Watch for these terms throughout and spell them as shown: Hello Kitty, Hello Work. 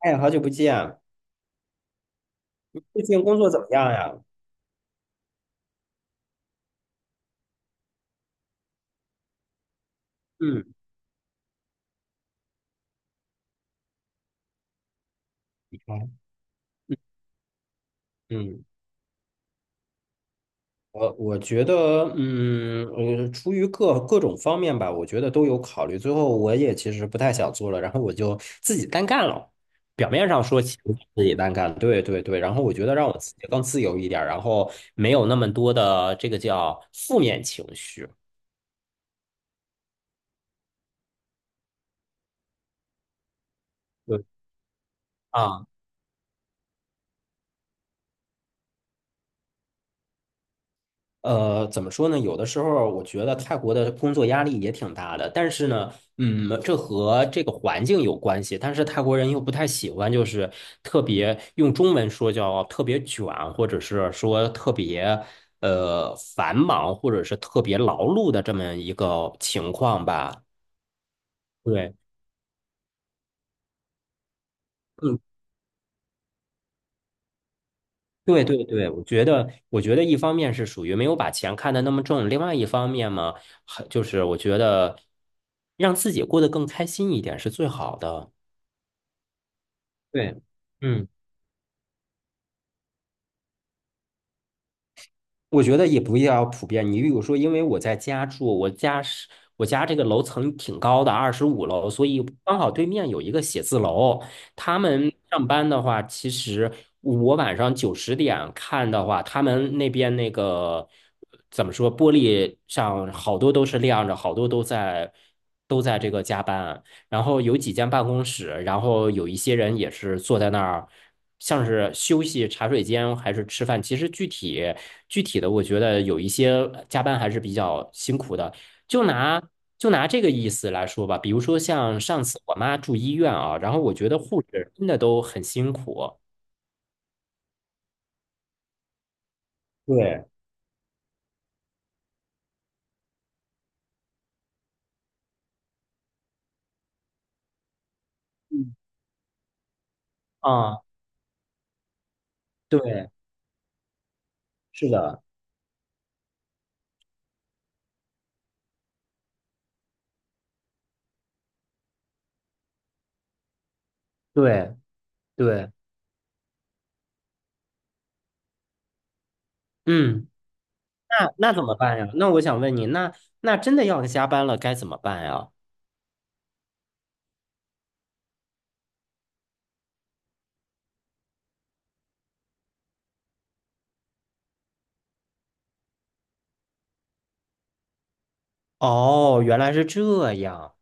哎，好久不见，最近工作怎么样呀？嗯，你好。嗯，我觉得，出于各种方面吧，我觉得都有考虑。最后，我也其实不太想做了，然后我就自己单干了。表面上说其实自己单干，对对对。然后我觉得让我自己更自由一点儿，然后没有那么多的这个叫负面情绪。对。啊，怎么说呢？有的时候我觉得泰国的工作压力也挺大的，但是呢，这和这个环境有关系。但是泰国人又不太喜欢，就是特别用中文说叫特别卷，或者是说特别繁忙，或者是特别劳碌的这么一个情况吧。对。嗯。对对对，我觉得一方面是属于没有把钱看得那么重，另外一方面嘛，还就是我觉得让自己过得更开心一点是最好的。对，嗯。我觉得也不要普遍。你比如说，因为我在家住，我家这个楼层挺高的，25楼，所以刚好对面有一个写字楼。他们上班的话，其实我晚上九十点看的话，他们那边那个怎么说，玻璃上好多都是亮着，好多都在这个加班。然后有几间办公室，然后有一些人也是坐在那儿，像是休息、茶水间还是吃饭。其实具体的，我觉得有一些加班还是比较辛苦的。就拿就拿这个意思来说吧，比如说像上次我妈住医院啊，然后我觉得护士真的都很辛苦。对，嗯，啊，对，是的，对对，嗯，那怎么办呀？那我想问你，那真的要加班了，该怎么办呀？哦，原来是这样。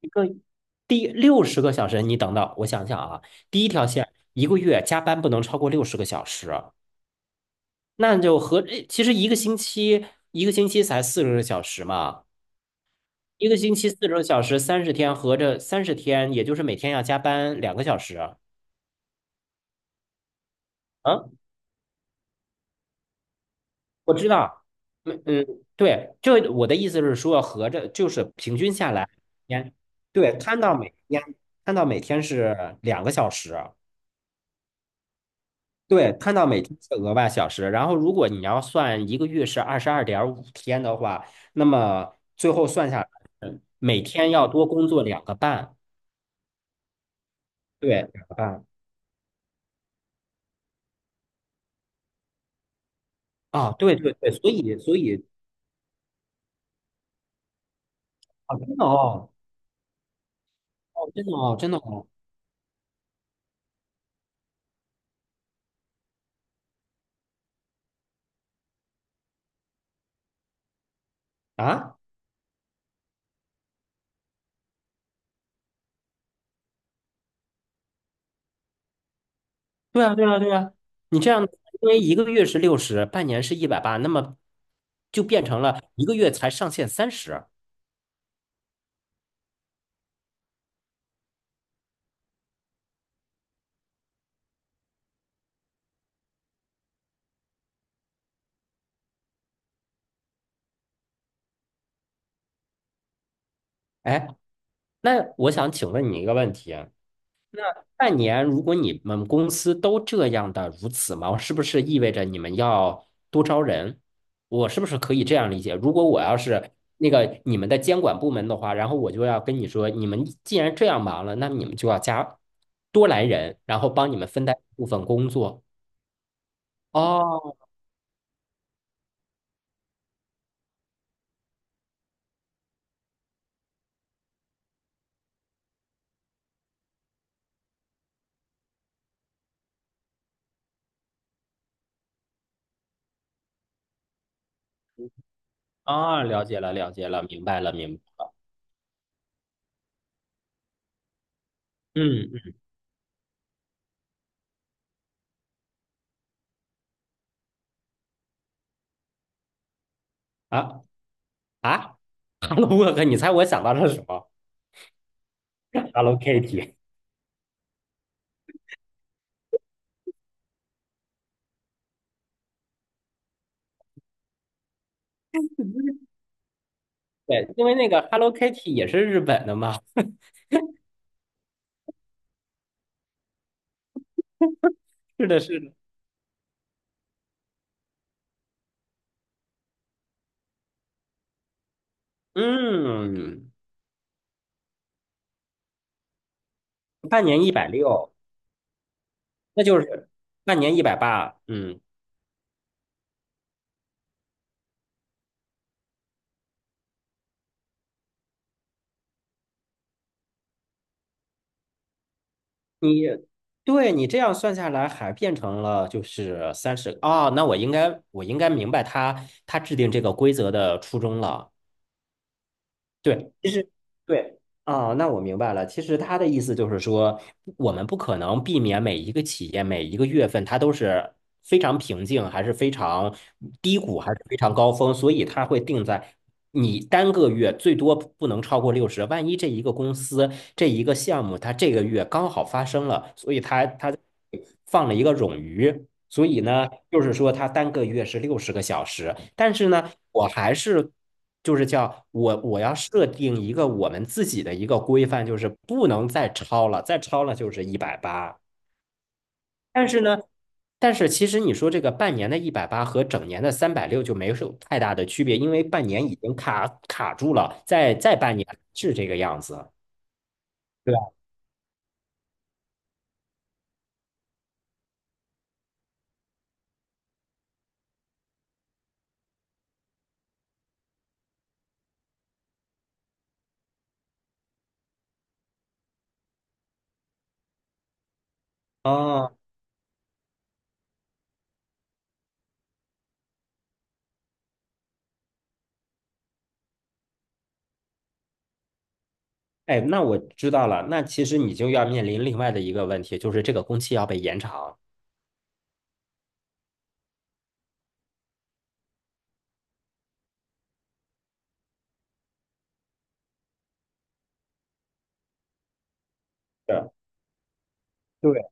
一个第六十个小时，你等等，我想想啊，第一条线一个月加班不能超过六十个小时，那就合，诶其实一个星期才四十个小时嘛，一个星期四十个小时，三十天合着三十天，也就是每天要加班两个小时。啊？我知道，嗯嗯，对，就我的意思是说，合着就是平均下来，天，对，摊到每天是两个小时。对，看到每天是额外小时，然后如果你要算一个月是22.5天的话，那么最后算下来，每天要多工作两个半，对，两个半啊，对对对，所以啊，真的哦，哦，真的哦，真的哦，啊，对啊，对啊，对啊，你这样，因为一个月是六十，半年是一百八，那么就变成了一个月才上限三十。哎，那我想请问你一个问题，半年，如果你们公司都这样的如此忙，是不是意味着你们要多招人？我是不是可以这样理解？如果我要是你们的监管部门的话，然后我就要跟你说，你们既然这样忙了，那你们就要加多来人，然后帮你们分担部分工作。哦，啊，了解了，了解了，明白了，明白。嗯，嗯啊啊，Hello Work，你猜我想到了什么？Hello Kitty。对，因为那个 Hello Kitty 也是日本的嘛。是的，是的。嗯，半年160，那就是半年一百八。嗯，你对，你这样算下来，还变成了就是三十。哦，那我应该明白他制定这个规则的初衷了。对，其实对啊，那我明白了。其实他的意思就是说，我们不可能避免每一个企业每一个月份它都是非常平静，还是非常低谷，还是非常高峰，所以它会定在你单个月最多不能超过六十。万一这一个公司这一个项目它这个月刚好发生了，所以它放了一个冗余，所以呢，就是说它单个月是六十个小时，但是呢，我还是就是叫我要设定一个我们自己的一个规范，就是不能再超了，再超了就是一百八，但是呢。但是其实你说这个半年的一百八和整年的360就没有太大的区别，因为半年已经卡住了，再半年是这个样子，对吧？哦。哎，那我知道了。那其实你就要面临另外的一个问题，就是这个工期要被延长。对对，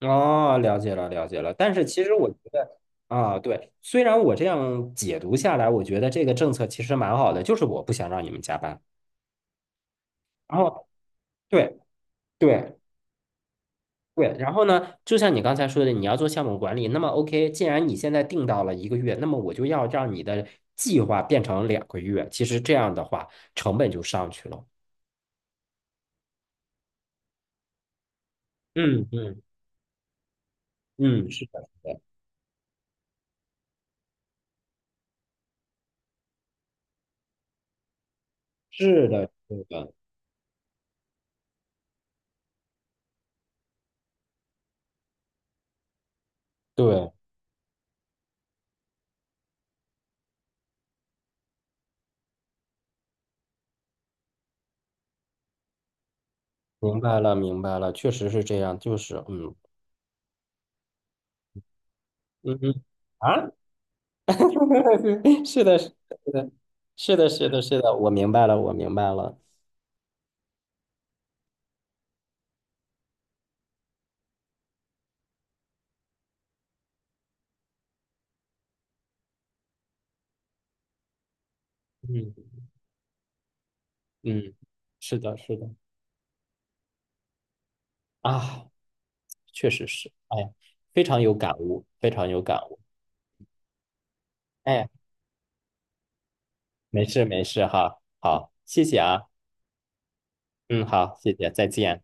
哦，了解了，了解了。但是其实我觉得啊，对，虽然我这样解读下来，我觉得这个政策其实蛮好的，就是我不想让你们加班。然后，对对对，然后呢，就像你刚才说的，你要做项目管理，那么 OK，既然你现在定到了一个月，那么我就要让你的计划变成2个月。其实这样的话，成本就上去了。嗯嗯嗯，是的，是的。是的，是的，对，明白了，明白了，确实是这样，就是嗯嗯啊，是的，是的，是的，是的，是的，我明白了，我明白了，嗯嗯，是的，是的，啊，确实是，哎呀，非常有感悟，非常有感悟，哎，没事没事哈，好，谢谢啊，嗯，好，谢谢，再见。